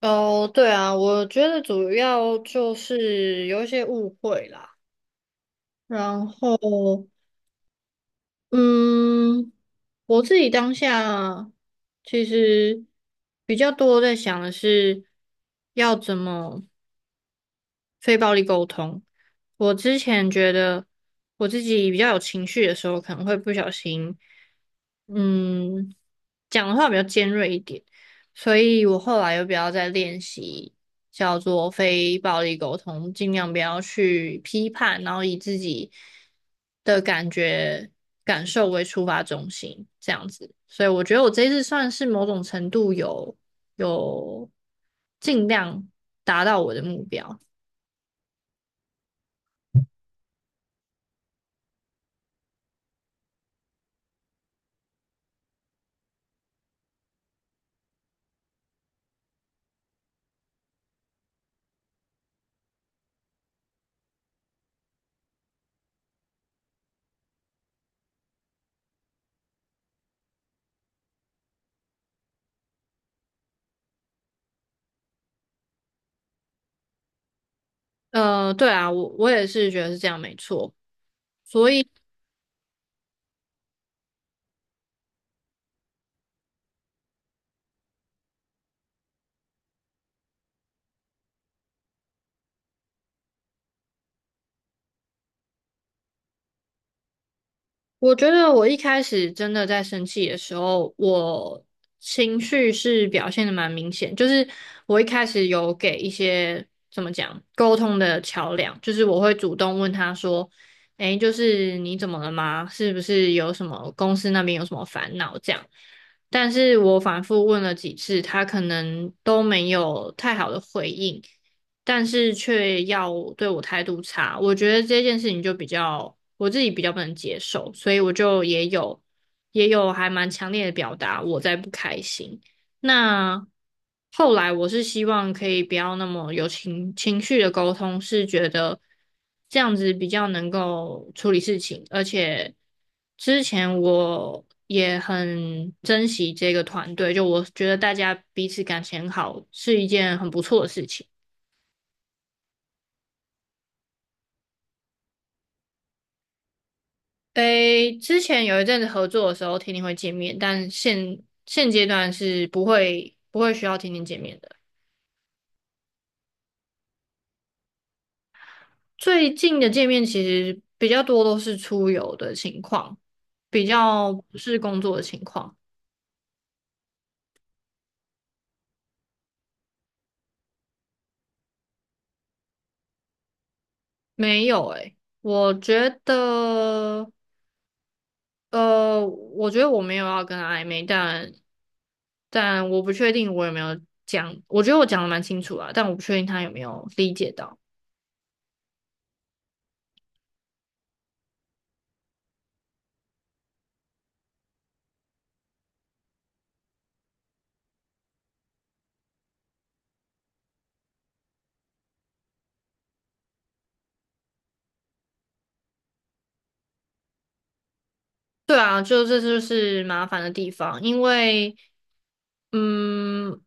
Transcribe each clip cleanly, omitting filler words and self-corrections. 哦，对啊，我觉得主要就是有一些误会啦，然后，嗯，我自己当下其实比较多在想的是要怎么。非暴力沟通。我之前觉得我自己比较有情绪的时候，可能会不小心，嗯，讲的话比较尖锐一点，所以我后来又比较在练习叫做非暴力沟通，尽量不要去批判，然后以自己的感觉感受为出发中心，这样子。所以我觉得我这一次算是某种程度有有尽量达到我的目标。对啊，我也是觉得是这样，没错。所以我觉得我一开始真的在生气的时候，我情绪是表现的蛮明显，就是我一开始有给一些怎么讲沟通的桥梁，就是我会主动问他说：“诶，就是你怎么了吗？是不是有什么公司那边有什么烦恼这样？”但是我反复问了几次，他可能都没有太好的回应。但是却要对我态度差，我觉得这件事情就比较我自己比较不能接受，所以我就也有还蛮强烈的表达我在不开心。那后来我是希望可以不要那么有情绪的沟通，是觉得这样子比较能够处理事情，而且之前我也很珍惜这个团队，就我觉得大家彼此感情很好是一件很不错的事情。诶，之前有一阵子合作的时候，天天会见面，但现阶段是不会需要天天见面的。最近的见面其实比较多都是出游的情况，比较不是工作的情况。没有诶，我觉得，我觉得我没有要跟他暧昧，但我不确定我有没有讲，我觉得我讲的蛮清楚啊，但我不确定他有没有理解到。对啊，就这就是麻烦的地方，因为，嗯，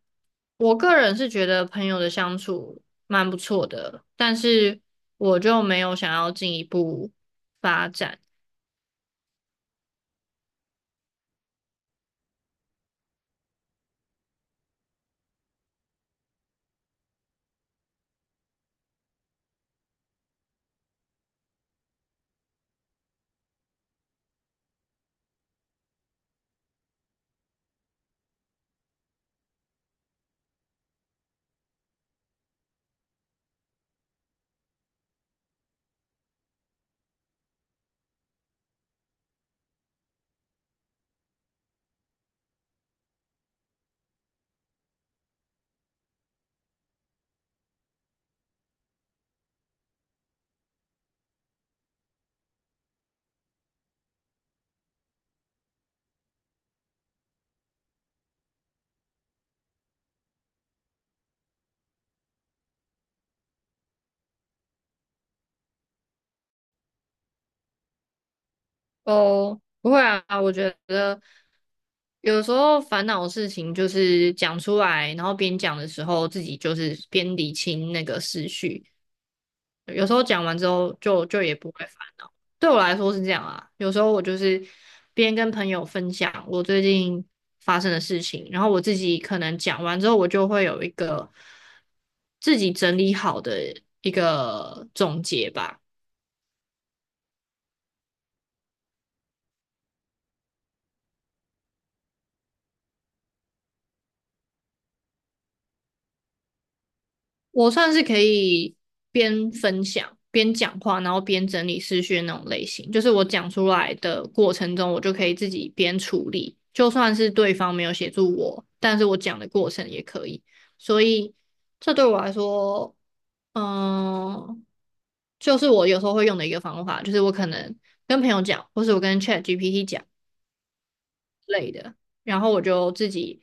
我个人是觉得朋友的相处蛮不错的，但是我就没有想要进一步发展。哦，不会啊，我觉得有时候烦恼的事情就是讲出来，然后边讲的时候自己就是边理清那个思绪，有时候讲完之后就也不会烦。对我来说是这样啊，有时候我就是边跟朋友分享我最近发生的事情，然后我自己可能讲完之后，我就会有一个自己整理好的一个总结吧。我算是可以边分享边讲话，然后边整理思绪的那种类型。就是我讲出来的过程中，我就可以自己边处理，就算是对方没有协助我，但是我讲的过程也可以。所以这对我来说，嗯，就是我有时候会用的一个方法，就是我可能跟朋友讲，或是我跟 ChatGPT 讲类的，然后我就自己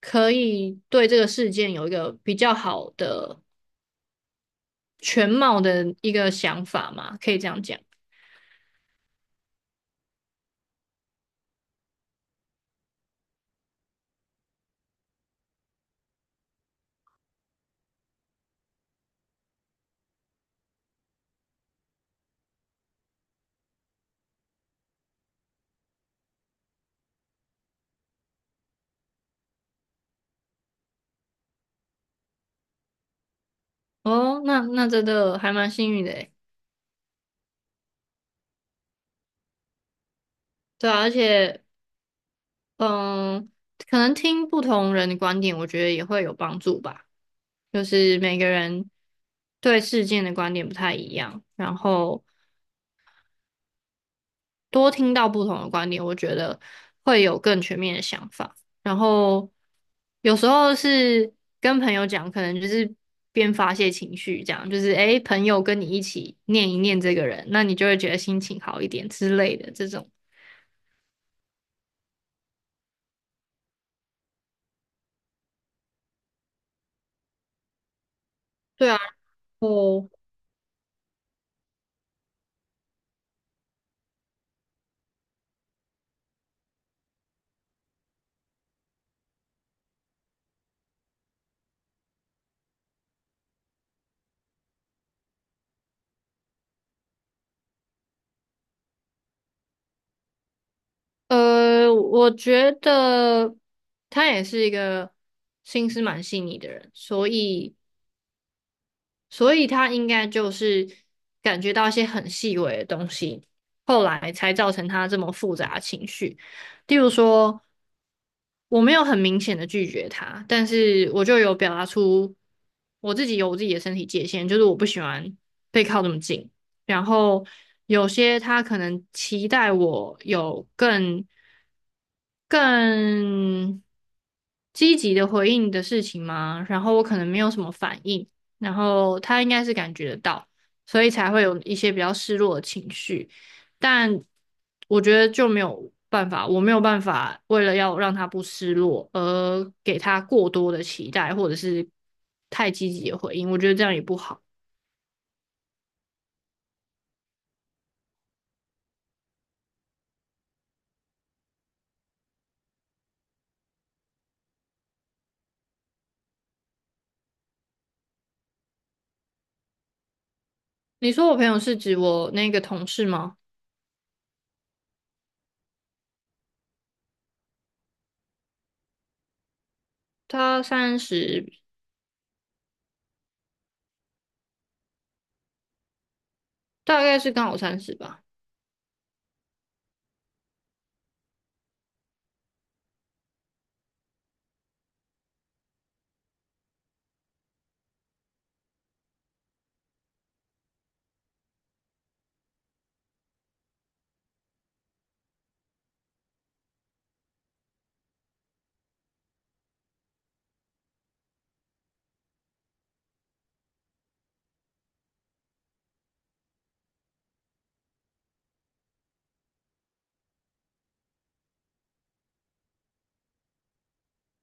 可以对这个事件有一个比较好的全貌的一个想法嘛，可以这样讲。哦，那真的还蛮幸运的诶。对啊，而且嗯，可能听不同人的观点，我觉得也会有帮助吧。就是每个人对事件的观点不太一样，然后多听到不同的观点，我觉得会有更全面的想法。然后有时候是跟朋友讲，可能就是边发泄情绪，这样就是诶，朋友跟你一起念一念这个人，那你就会觉得心情好一点之类的这种。对啊，然后我觉得他也是一个心思蛮细腻的人，所以他应该就是感觉到一些很细微的东西，后来才造成他这么复杂的情绪。例如说，我没有很明显的拒绝他，但是我就有表达出我自己有我自己的身体界限，就是我不喜欢被靠这么近。然后有些他可能期待我有更积极的回应你的事情吗？然后我可能没有什么反应，然后他应该是感觉得到，所以才会有一些比较失落的情绪。但我觉得就没有办法，我没有办法为了要让他不失落而给他过多的期待，或者是太积极的回应，我觉得这样也不好。你说我朋友是指我那个同事吗？他三十，大概是刚好三十吧，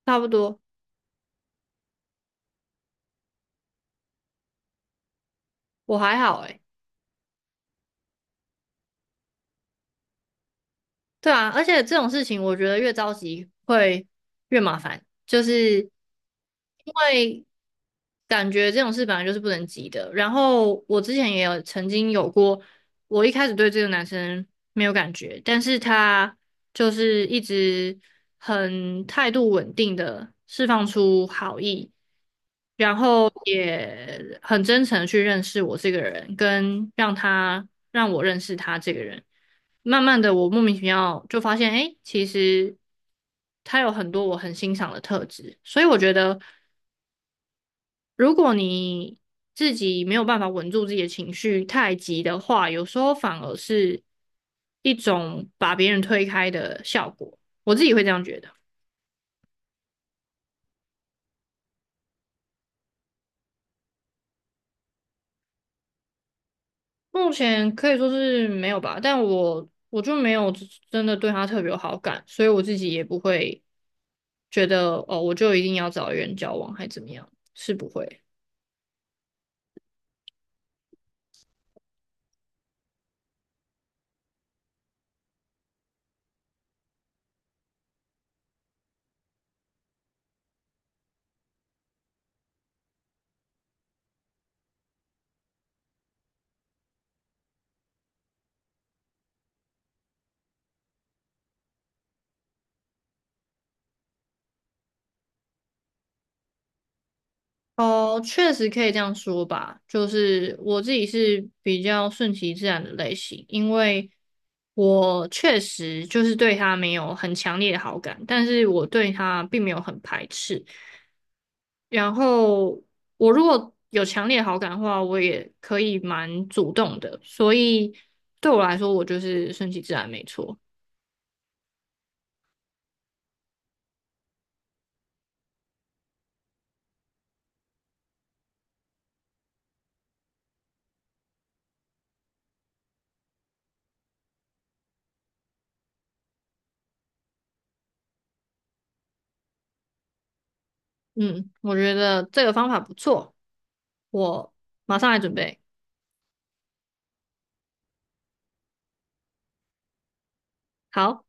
差不多。我还好诶。对啊，而且这种事情我觉得越着急会越麻烦，就是因为感觉这种事本来就是不能急的。然后我之前也有曾经有过我一开始对这个男生没有感觉，但是他就是一直很态度稳定的释放出好意，然后也很真诚的去认识我这个人，跟让他让我认识他这个人。慢慢的，我莫名其妙就发现，哎，其实他有很多我很欣赏的特质，所以我觉得。如果你自己没有办法稳住自己的情绪，太急的话，有时候反而是一种把别人推开的效果。我自己会这样觉得。目前可以说是没有吧，但我就没有真的对他特别有好感，所以我自己也不会觉得哦，我就一定要找一个人交往还怎么样，是不会。哦，确实可以这样说吧。就是我自己是比较顺其自然的类型，因为我确实就是对他没有很强烈的好感，但是我对他并没有很排斥。然后我如果有强烈的好感的话，我也可以蛮主动的，所以对我来说，我就是顺其自然，没错。嗯，我觉得这个方法不错，我马上来准备。好。